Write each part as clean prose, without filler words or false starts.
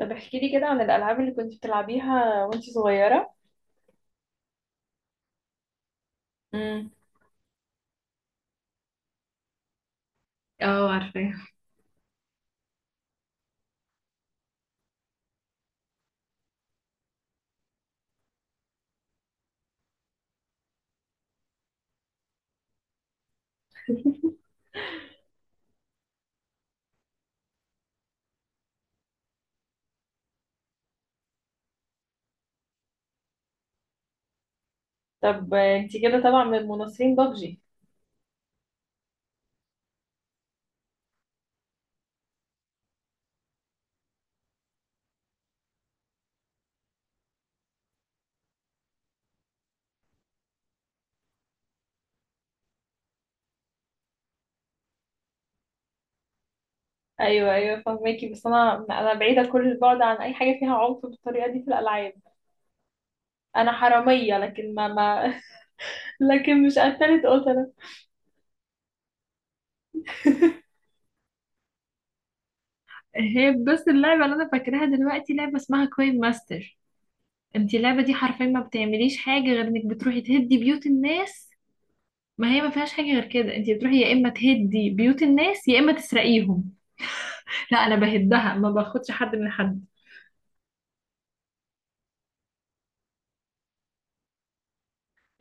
طب احكي لي كده عن الألعاب اللي كنت بتلعبيها وانتي صغيرة. امم. اه، عارفاه. طب انتي كده طبعا من مناصرين بابجي؟ ايوه ايوه، فهماكي، بس انا بعيدة كل البعد عن اي حاجة فيها عنف بالطريقة دي في الألعاب. انا حرامية، لكن ما لكن مش قتلت قتلة. هي بس اللعبة اللي انا فاكراها دلوقتي لعبة اسمها كوين ماستر. انتي اللعبة دي حرفيا ما بتعمليش حاجة غير انك بتروحي تهدي بيوت الناس. ما هي ما فيهاش حاجة غير كده، انتي بتروحي يا اما تهدي بيوت الناس يا اما تسرقيهم. لا انا بهدها، ما باخدش حد من حد.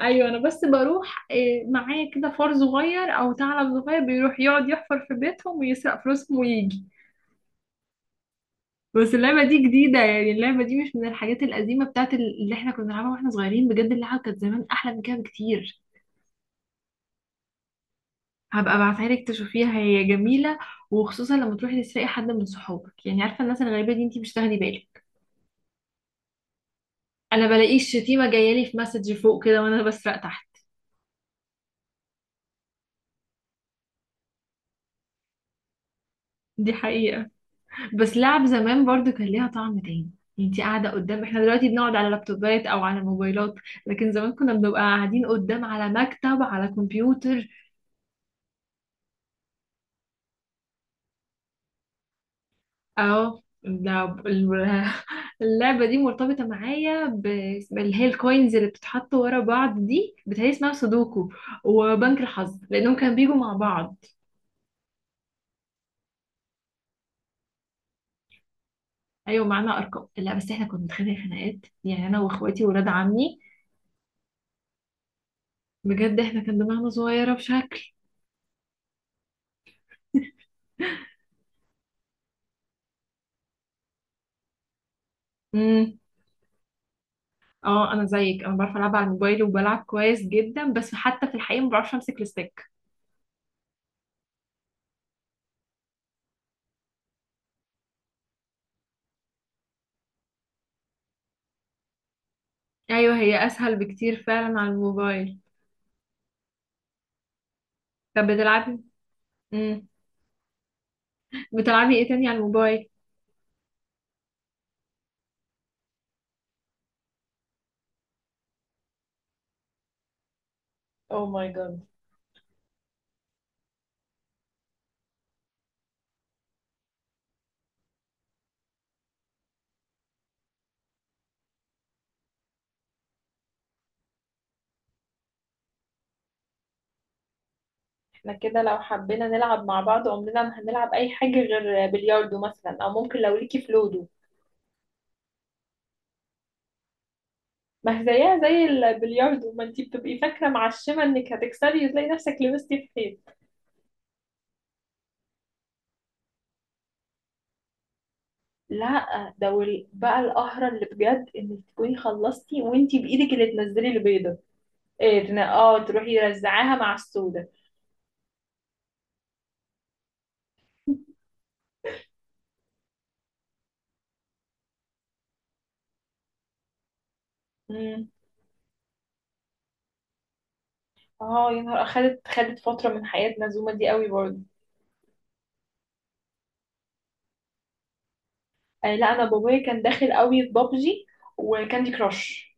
ايوه انا بس بروح معايا كده فار صغير او ثعلب صغير بيروح يقعد يحفر في بيتهم ويسرق فلوسهم ويجي. بس اللعبه دي جديده، يعني اللعبه دي مش من الحاجات القديمه بتاعت اللي احنا كنا بنلعبها واحنا صغيرين، بجد اللعبه كانت زمان احلى من كده بكتير. هبقى ابعتها لك تشوفيها، هي جميله. وخصوصا لما تروحي تسرقي حد من صحابك، يعني عارفه الناس الغريبه دي انتي مش تاخدي بالك. انا بلاقي الشتيمه جايه لي في مسج فوق كده وانا بسرق تحت. دي حقيقه. بس لعب زمان برضو كان ليها طعم تاني. يعني انتي قاعدة قدام، احنا دلوقتي بنقعد على لابتوبات او على موبايلات، لكن زمان كنا بنبقى قاعدين قدام على مكتب على كمبيوتر. اه اللعبة دي مرتبطة معايا ب- اللي هي الكوينز اللي بتتحط ورا بعض دي بتهيألي اسمها سودوكو. وبنك الحظ لأنهم كانوا بيجوا مع بعض. أيوة معانا أرقام، لا بس احنا كنا بنتخانق خناقات، يعني أنا وإخواتي وولاد عمي. بجد احنا كان دماغنا صغيرة بشكل. اه انا زيك، انا بعرف العب على الموبايل وبلعب كويس جدا، بس حتى في الحقيقه ما بعرفش امسك الستيك. ايوه هي اسهل بكتير فعلا على الموبايل. طب بتلعبي، امم بتلعبي ايه تاني على الموبايل؟ او ماي جاد. احنا كده لو حبينا نلعب مع بعض عمرنا ما هنلعب اي حاجة غير بلياردو مثلا، او ممكن لو ليكي في لودو. ما هي زيها زي البلياردو، ما انتي بتبقي فاكرة معشمة انك هتكسبي وتلاقي نفسك لبستي في حيط. لا ده بقى القهرة اللي بجد انك تكوني خلصتي وانتي بايدك اللي تنزلي البيضة. إيه اه، تروح يرزعاها مع السودا. امم. اه، يا نهار اخدت فتره من حياه نزومه دي قوي برضه. آه لا، انا بابايا كان داخل قوي في بابجي وكاندي كراش.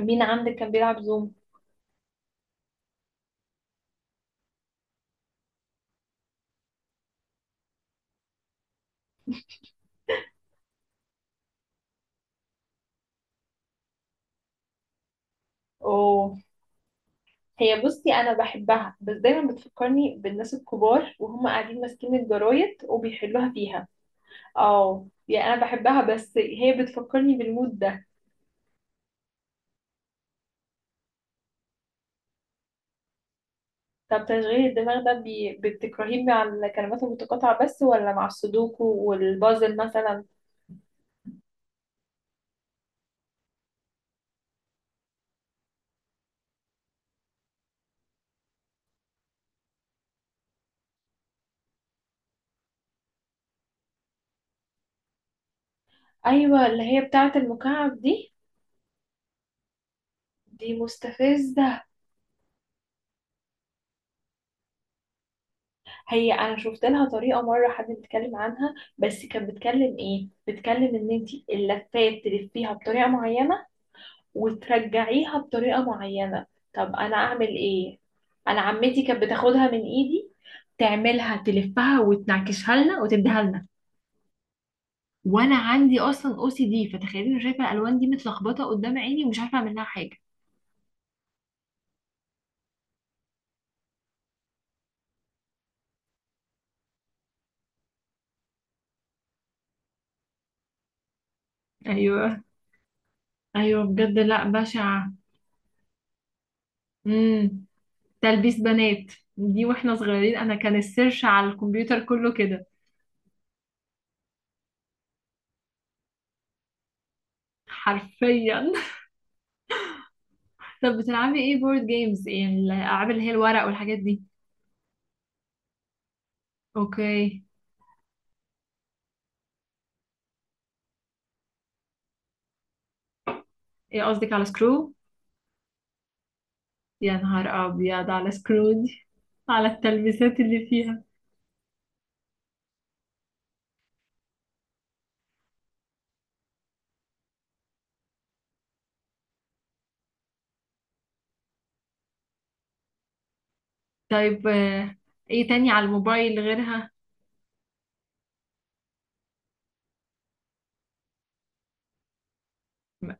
مين عندك كان بيلعب زوم؟ اوه. هي بصي انا بحبها، بس دايما بتفكرني بالناس الكبار وهم قاعدين ماسكين الجرايد وبيحلوها فيها. اه يعني انا بحبها، بس هي بتفكرني بالمود ده. طب تشغيل الدماغ ده، بتكرهيه مع الكلمات المتقاطعه بس ولا مع السودوكو والبازل مثلا؟ ايوه، اللي هي بتاعه المكعب دي. دي مستفزه. هي انا شفت لها طريقه مره، حد بيتكلم عنها بس كانت بتكلم ايه، بتكلم ان انت اللفات تلفيها بطريقه معينه وترجعيها بطريقه معينه. طب انا اعمل ايه؟ انا عمتي كانت بتاخدها من ايدي تعملها تلفها وتنعكشها لنا وتديها لنا. وانا عندي اصلا او سي دي، فتخيلي انا شايفه الالوان دي متلخبطه قدام عيني ومش عارفه اعمل لها حاجه. ايوه ايوه، بجد لا، بشعه. تلبيس بنات، دي واحنا صغيرين انا كان السيرش على الكمبيوتر كله كده حرفيا. طب بتلعبي ايه بورد جيمز، يعني الالعاب اللي هي الورق والحاجات دي؟ اوكي. ايه قصدك على سكرو؟ يا نهار ابيض على سكرو دي، على التلبيسات اللي فيها. طيب، ايه تاني على الموبايل غيرها؟ م-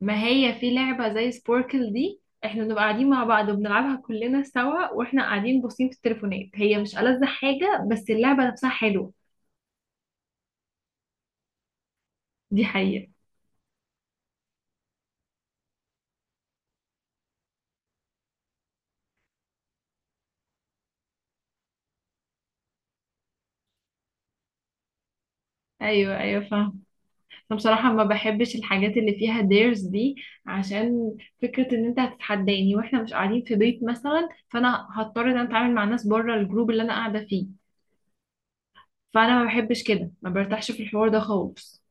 ما هي في لعبة زي سبوركل دي احنا بنبقى قاعدين مع بعض وبنلعبها كلنا سوا، واحنا قاعدين باصين في التليفونات، هي مش ألذ حاجة، بس اللعبة نفسها حلوة. دي حقيقة. ايوه ايوه فاهم. انا بصراحه ما بحبش الحاجات اللي فيها ديرز دي، عشان فكره ان انت هتتحداني واحنا مش قاعدين في بيت مثلا، فانا هضطر ان انا اتعامل مع ناس بره الجروب اللي انا قاعده فيه. فانا ما بحبش كده، ما برتاحش في الحوار ده خالص.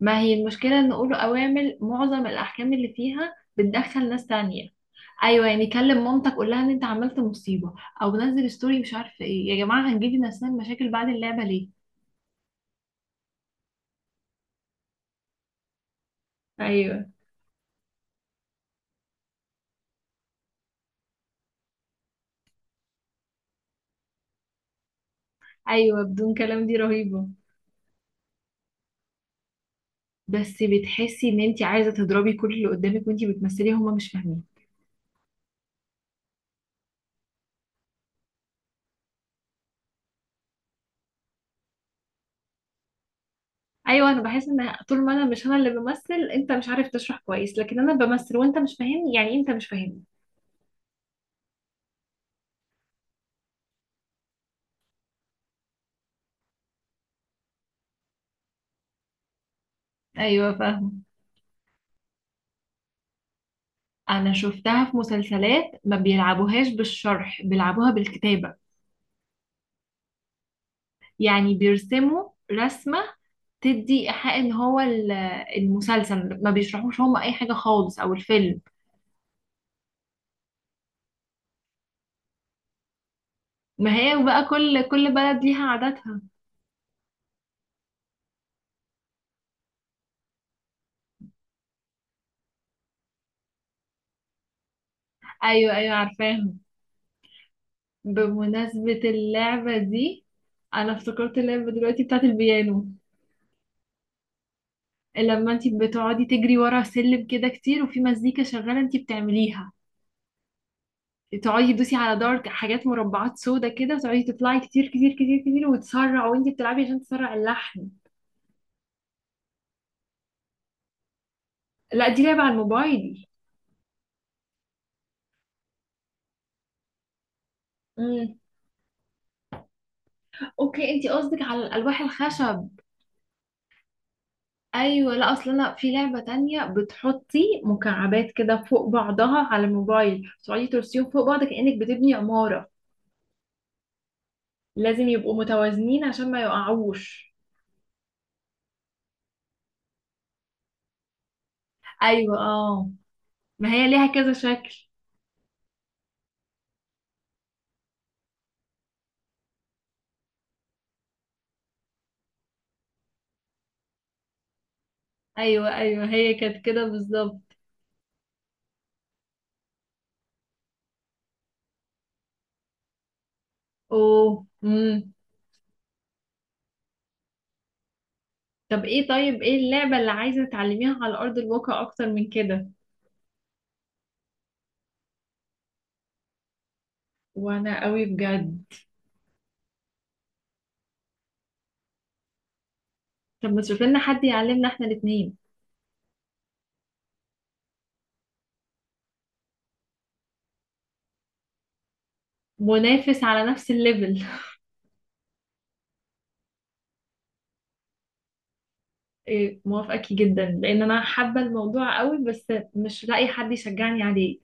ما هي المشكله ان نقول اوامر معظم الاحكام اللي فيها بتدخل ناس تانية. ايوه يعني كلم مامتك، قول لها ان انت عملت مصيبه، او نزل ستوري مش عارفه ايه، يا جماعه هنجيب لنا مشاكل بعد اللعبه ليه؟ ايوه ايوه، بدون كلام دي رهيبه. بس بتحسي ان انت عايزه تضربي كل اللي قدامك وانت بتمثلي هما مش فاهمين. ايوه انا بحس ان طول ما انا مش انا اللي بمثل، انت مش عارف تشرح كويس، لكن انا بمثل وانت مش فاهمني، يعني إيه انت مش فاهمني؟ ايوه فاهمه. انا شفتها في مسلسلات ما بيلعبوهاش بالشرح، بيلعبوها بالكتابه. يعني بيرسموا رسمه تدي ايحاء ان هو المسلسل ما بيشرحوش هم اي حاجه خالص، او الفيلم. ما هي بقى كل بلد ليها عاداتها. ايوه ايوه عارفاهم. بمناسبة اللعبة دي، أنا افتكرت اللعبة دلوقتي بتاعت البيانو. لما انتي بتقعدي تجري ورا سلم كده كتير وفي مزيكا شغالة انتي بتعمليها، تقعدي تدوسي على دار حاجات مربعات سودا كده وتقعدي تطلعي كتير كتير كتير كتير وتسرع وانتي بتلعبي عشان تسرع اللحن. لا دي لعبة على الموبايل دي. امم اوكي، انتي قصدك على الألواح الخشب. ايوه لا، اصل انا في لعبة تانية بتحطي مكعبات كده فوق بعضها على الموبايل، تقعدي ترسيهم فوق بعض كأنك بتبني عمارة. لازم يبقوا متوازنين عشان ما يقعوش. ايوه اه، ما هي ليها كذا شكل. ايوه ايوه هي كانت كده بالظبط. اوه. طب ايه، طيب ايه اللعبة اللي عايزة تعلميها على أرض الواقع أكتر من كده؟ وانا قوي بجد. طب ما تشوف لنا حد يعلمنا احنا الاثنين. منافس على نفس الليفل. إيه، موافقاكي جدا لأن أنا حابة الموضوع قوي، بس مش لاقي حد يشجعني عليه.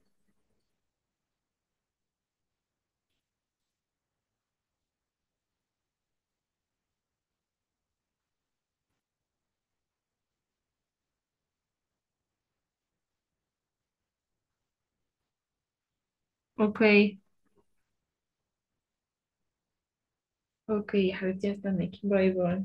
اوكي. اوكي يا حبيبتي، هستناكي، باي باي.